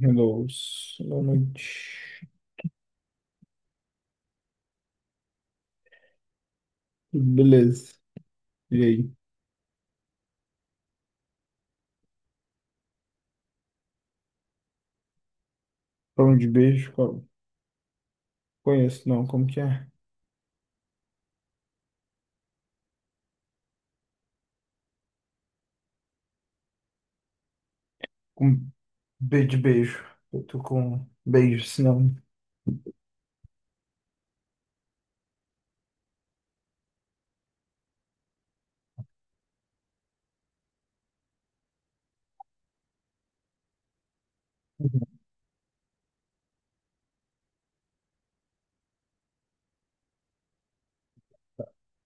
Hello, boa noite. Beleza. E aí? Pão de beijo? Qual- conheço não, como que é? Com B de beijo. Eu tô com beijo, senão.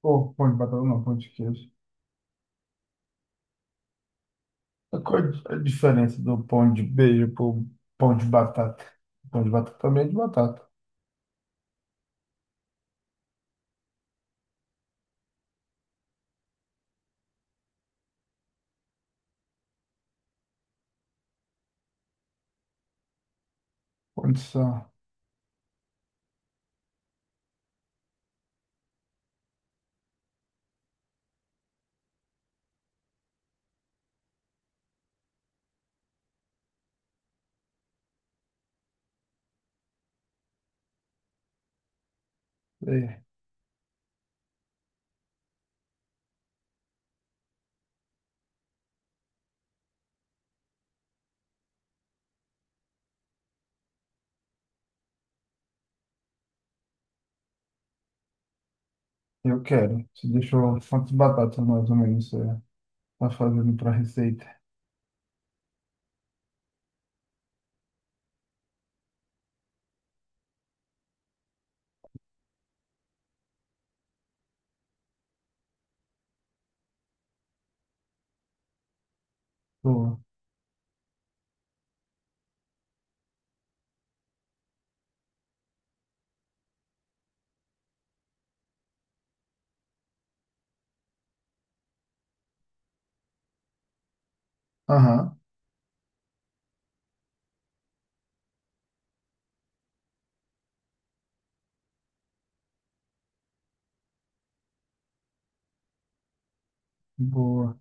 Pô, pão de batata não, pão de queijo. Qual a diferença do pão de beijo pro pão de batata? Pão de batata também é de batata. Condição. É, eu quero. Você deixou quantas batatas mais ou menos você tá fazendo pra receita? Boa. Aham. Boa.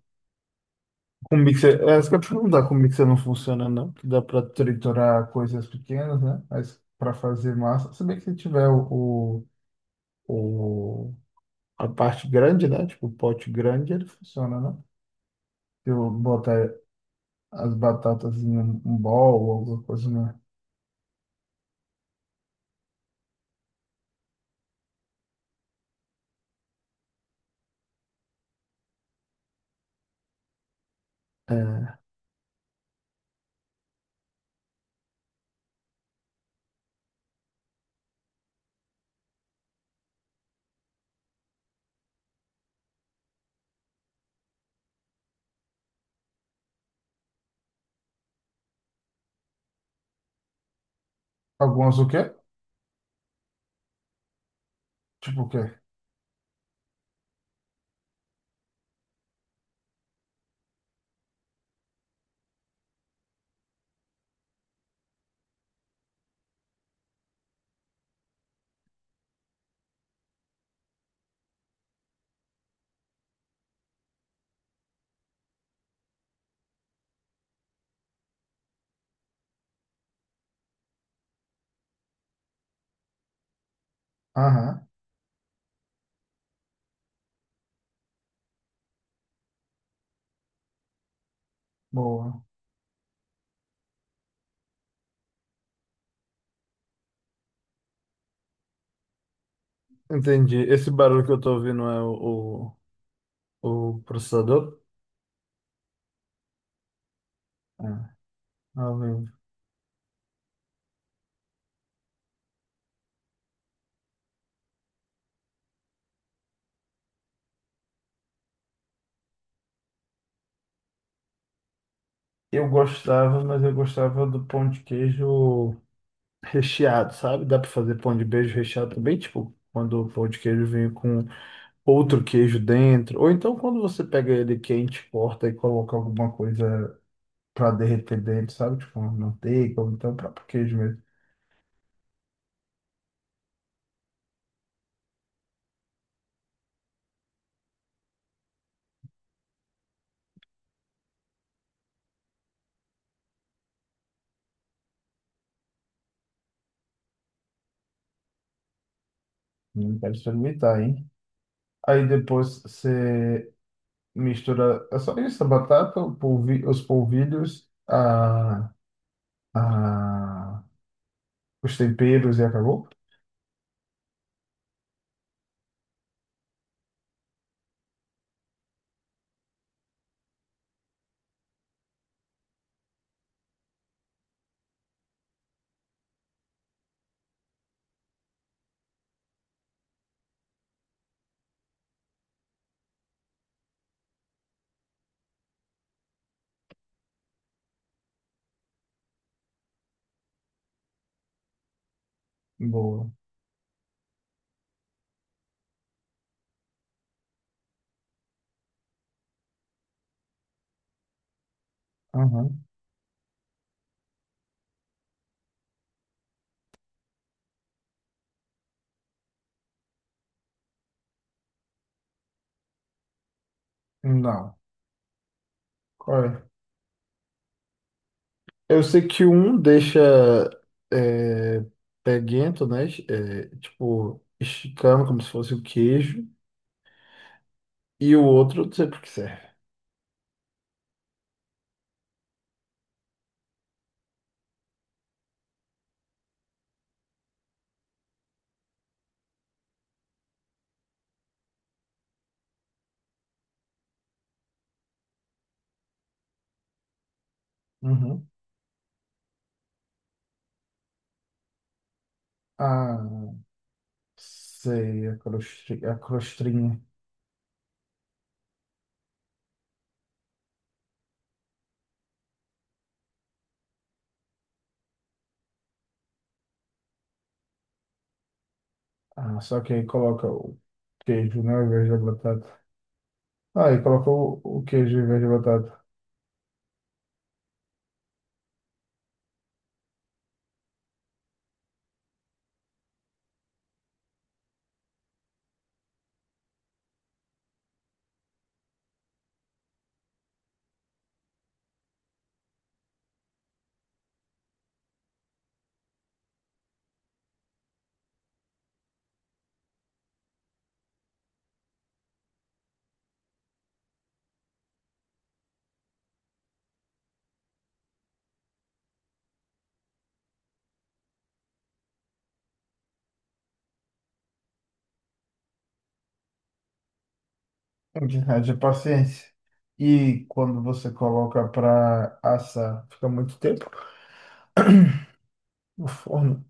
Com mixer, isso que eu ia te perguntar, com mixer não funciona, não? Que dá para triturar coisas pequenas, né? Mas para fazer massa, se bem que se tiver o, o- a parte grande, né? Tipo, o pote grande, ele funciona, né? Se eu botar as batatas em um bowl ou alguma coisa, né? É, algumas o quê? Tipo o quê? Aham, boa. Entendi. Esse barulho que eu tô ouvindo é o processador? É, ao vivo. Eu gostava, mas eu gostava do pão de queijo recheado, sabe? Dá pra fazer pão de beijo recheado também, tipo, quando o pão de queijo vem com outro queijo dentro, ou então quando você pega ele quente, corta e coloca alguma coisa pra derreter dentro, sabe? Tipo, uma manteiga, ou então o próprio queijo mesmo. Não quero experimentar, hein? Aí depois você mistura, é só isso, a batata, os polvilhos, a, os temperos e acabou? Boa. Aham. Não. Qual é? Eu sei que um deixa é, peguento, né? É, tipo, esticando como se fosse o queijo. E o outro, eu não sei por que serve. Uhum. Ah, sei, a crostrinha. Ah, só que aí coloca o queijo, né? Ao invés da batata. Ah, e coloca o queijo ao invés da batata. Haja paciência. E quando você coloca para assar, fica muito tempo no forno.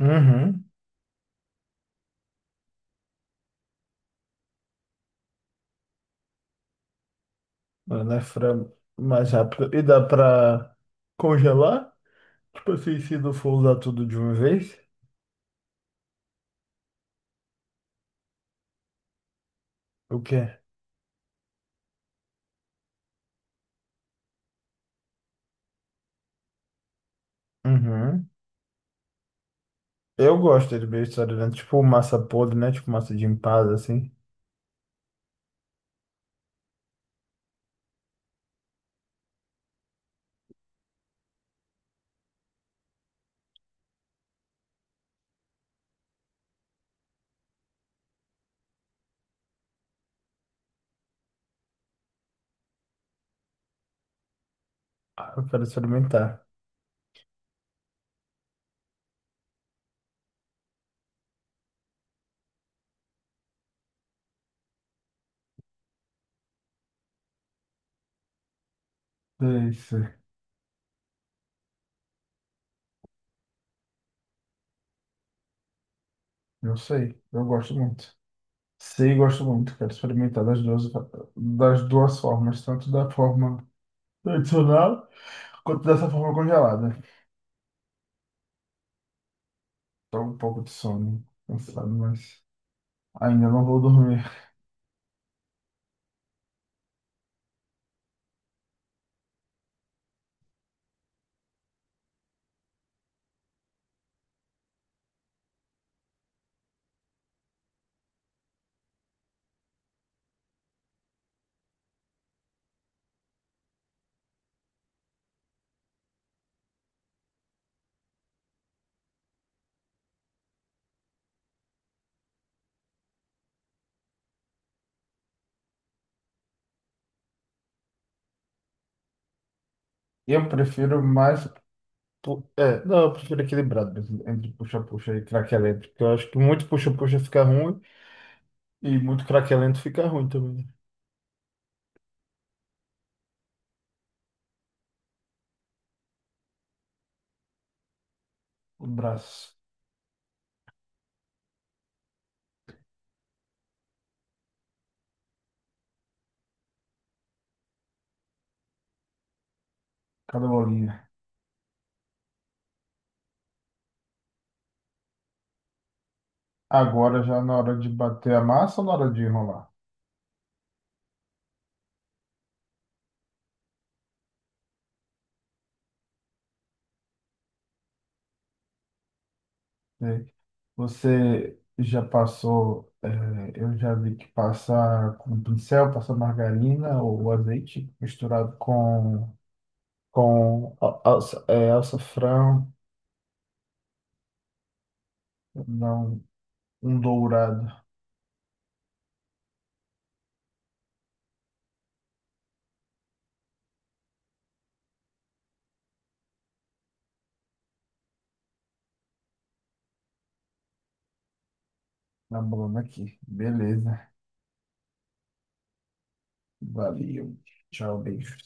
Uhum. Mano, é frango mais rápido. E dá pra congelar? Tipo assim, se não for usar tudo de uma vez? O quê? Uhum. Eu gosto de beijo estadunidense, tipo massa podre, né? Tipo massa de empada, assim. Ah, eu quero experimentar. Isso, eu sei, eu gosto muito. Sei, gosto muito, quero experimentar das duas formas, tanto da forma tradicional quanto dessa forma congelada. Tô um pouco de sono, cansado, mas ainda não vou dormir. Eu prefiro mais Pu- É, não, eu prefiro equilibrado mesmo, entre puxa-puxa e craquelento, porque eu acho que muito puxa-puxa fica ruim e muito craquelento fica ruim também, né? O braço, cada bolinha. Agora já na hora de bater a massa ou na hora de enrolar? Né? Você já passou, é, eu já vi que passar com pincel, passar margarina ou azeite misturado com, alça, é, alçafrão, não, um dourado na bolona aqui, beleza. Valeu. Tchau, beijo.